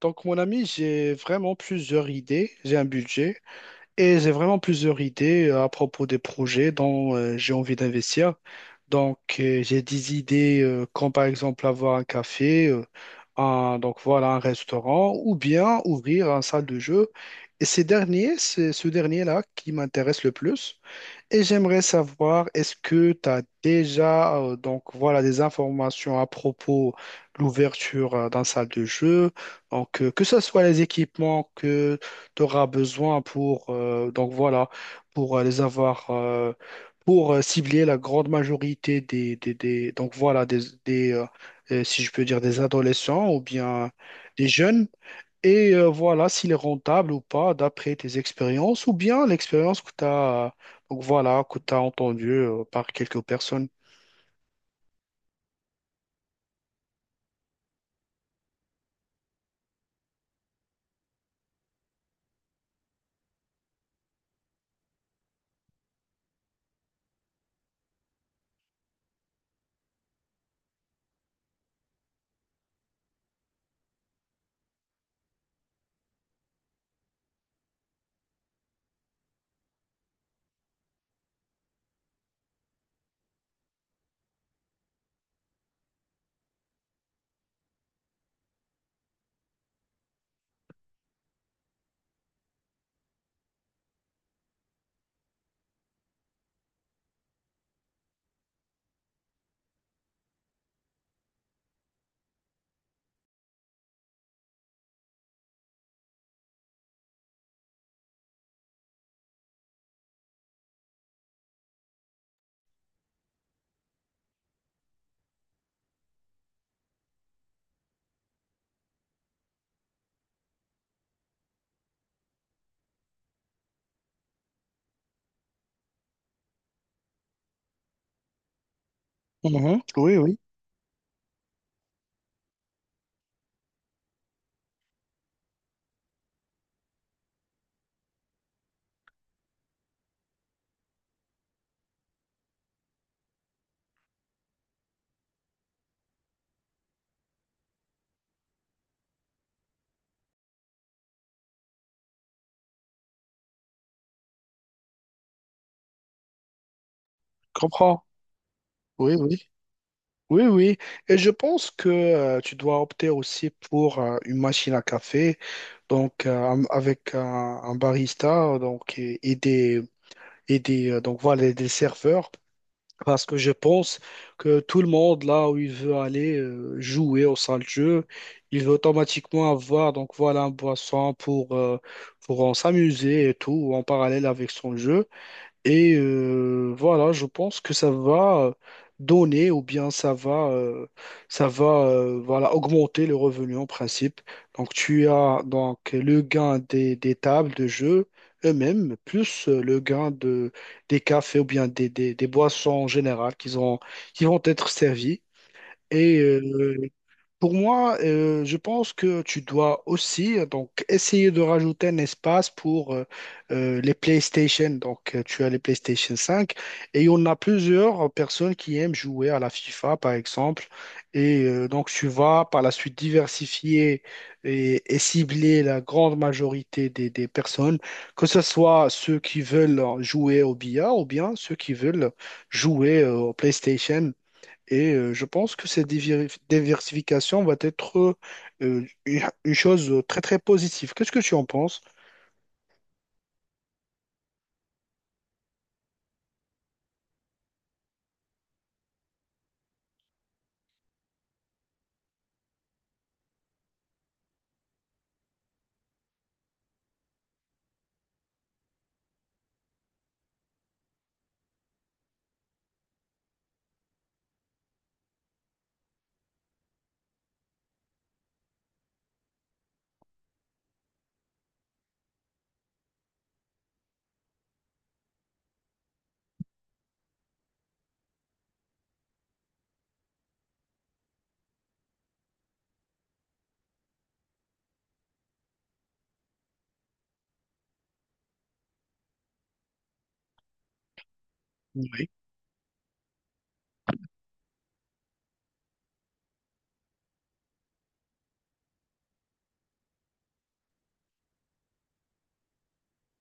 Donc, mon ami, j'ai vraiment plusieurs idées. J'ai un budget et j'ai vraiment plusieurs idées à propos des projets dont j'ai envie d'investir. Donc, j'ai des idées comme par exemple avoir un café, un restaurant ou bien ouvrir une salle de jeu. C'est ce dernier-là qui m'intéresse le plus. Et j'aimerais savoir, est-ce que tu as déjà des informations à propos de l'ouverture d'un salle de jeu, que ce soit les équipements que tu auras besoin pour les avoir, pour cibler la grande majorité des- donc voilà des, si je peux dire, des adolescents ou bien des jeunes. Et voilà, s'il est rentable ou pas, d'après tes expériences, ou bien l'expérience que tu as, que tu as entendue par quelques personnes. Mhm. Oui, oui, je comprends. Oui, oui. Oui, oui. Et je pense que tu dois opter aussi pour une machine à café, avec un barista, donc et des donc voilà des serveurs. Parce que je pense que tout le monde, là où il veut aller jouer au sein de jeu, il veut automatiquement avoir, un boisson pour en s'amuser et tout en parallèle avec son jeu. Et voilà, je pense que ça va donner ou bien ça va voilà, augmenter le revenu en principe. Donc tu as le gain des tables de jeu eux-mêmes, plus le gain de, des cafés ou bien des boissons en général qui ont, qui vont être servies. Et euh, pour moi, je pense que tu dois aussi essayer de rajouter un espace pour les PlayStation. Donc, tu as les PlayStation 5 et on a plusieurs personnes qui aiment jouer à la FIFA, par exemple. Et tu vas par la suite diversifier et cibler la grande majorité des personnes, que ce soit ceux qui veulent jouer au billard ou bien ceux qui veulent jouer au PlayStation. Et je pense que cette diversification va être une une chose très, très positive. Qu'est-ce que tu en penses? Oui,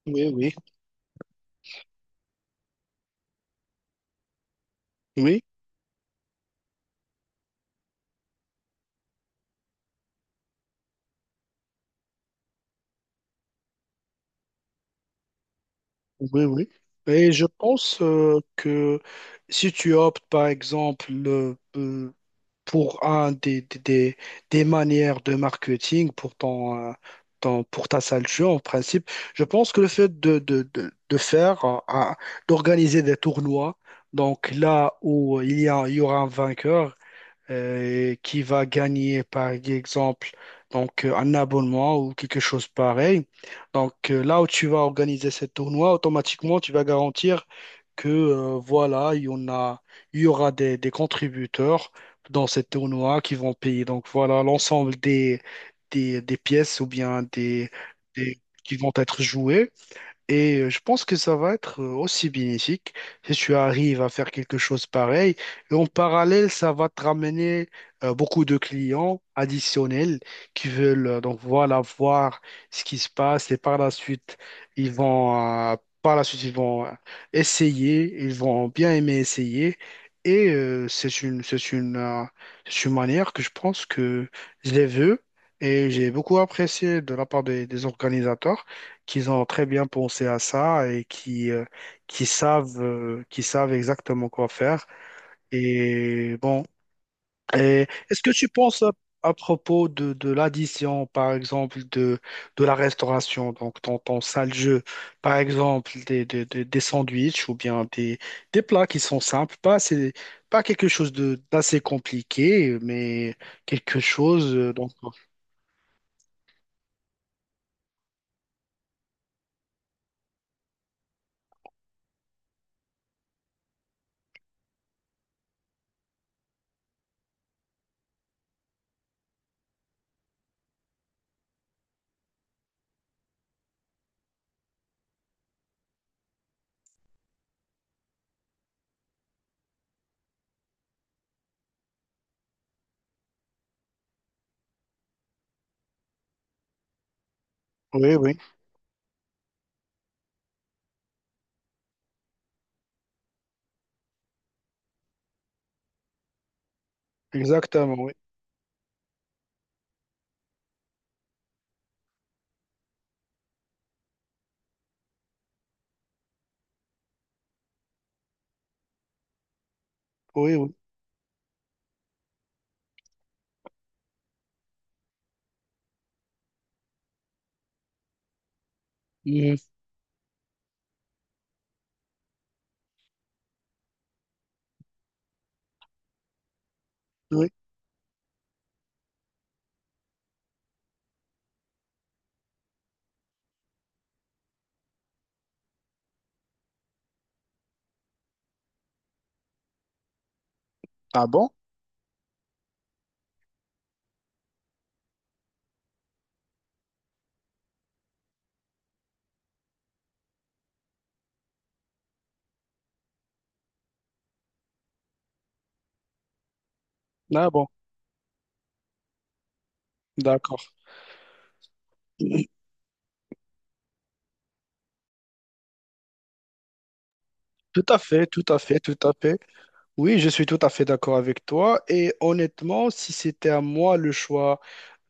oui, oui, oui, oui, oui. Et je pense que si tu optes, par exemple, pour un des manières de marketing pour pour ta salle de jeu, en principe, je pense que le fait de faire, d'organiser des tournois, donc là où il y aura un vainqueur, qui va gagner, par exemple, un abonnement ou quelque chose pareil. Donc, là où tu vas organiser ce tournoi, automatiquement, tu vas garantir que, voilà, il y aura des contributeurs dans ce tournoi qui vont payer. Donc, voilà, l'ensemble des pièces ou bien des, qui vont être jouées. Et je pense que ça va être aussi bénéfique si tu arrives à faire quelque chose pareil. Et en parallèle, ça va te ramener beaucoup de clients additionnels qui veulent voir ce qui se passe et par la suite, ils vont euh, ils vont essayer, ils vont bien aimer essayer. Et c'est une manière que je pense que je les veux et j'ai beaucoup apprécié de la part des organisateurs qu'ils ont très bien pensé à ça et qui qui savent exactement quoi faire. Et bon, et est-ce que tu penses à propos de l'addition, par exemple, de la restauration, donc ton, ton sale jeu, par exemple, des sandwichs ou bien des plats qui sont simples, pas, pas quelque chose de, d'assez compliqué, mais quelque chose. Oui, oui, exactement, oui, oui, oui. Mhm. Oui. Ah bon? Ah bon. D'accord. Tout à fait, tout à fait, tout à fait. Oui, je suis tout à fait d'accord avec toi. Et honnêtement, si c'était à moi le choix,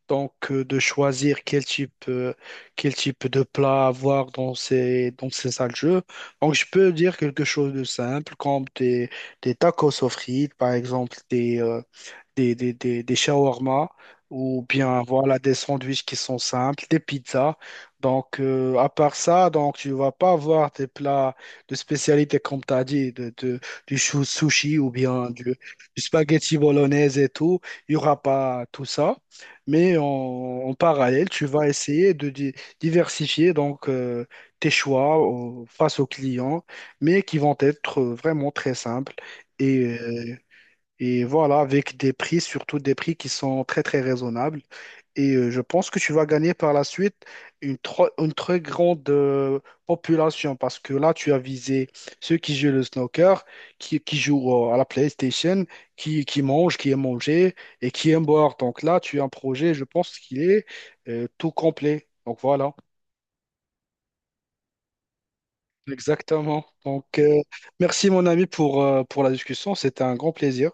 de choisir quel type de plat avoir dans ces salles de jeu, donc je peux dire quelque chose de simple, comme des tacos aux frites, par exemple, des shawarma ou bien voilà des sandwichs qui sont simples, des pizzas. Donc, à part ça, donc, tu vas pas avoir des plats de spécialité, comme tu as dit, du sushi ou bien du spaghetti bolognaise et tout. Il y aura pas tout ça. Mais en parallèle, tu vas essayer de diversifier donc, tes choix face aux clients, mais qui vont être vraiment très simples. Et voilà, avec des prix, surtout des prix qui sont très très raisonnables. Et je pense que tu vas gagner par la suite une, une très grande population parce que là, tu as visé ceux qui jouent le snooker, qui jouent à la PlayStation, qui mangent, qui aiment manger et qui aiment boire. Donc là, tu as un projet, je pense qu'il est tout complet. Donc voilà, exactement. Merci mon ami pour la discussion, c'était un grand plaisir.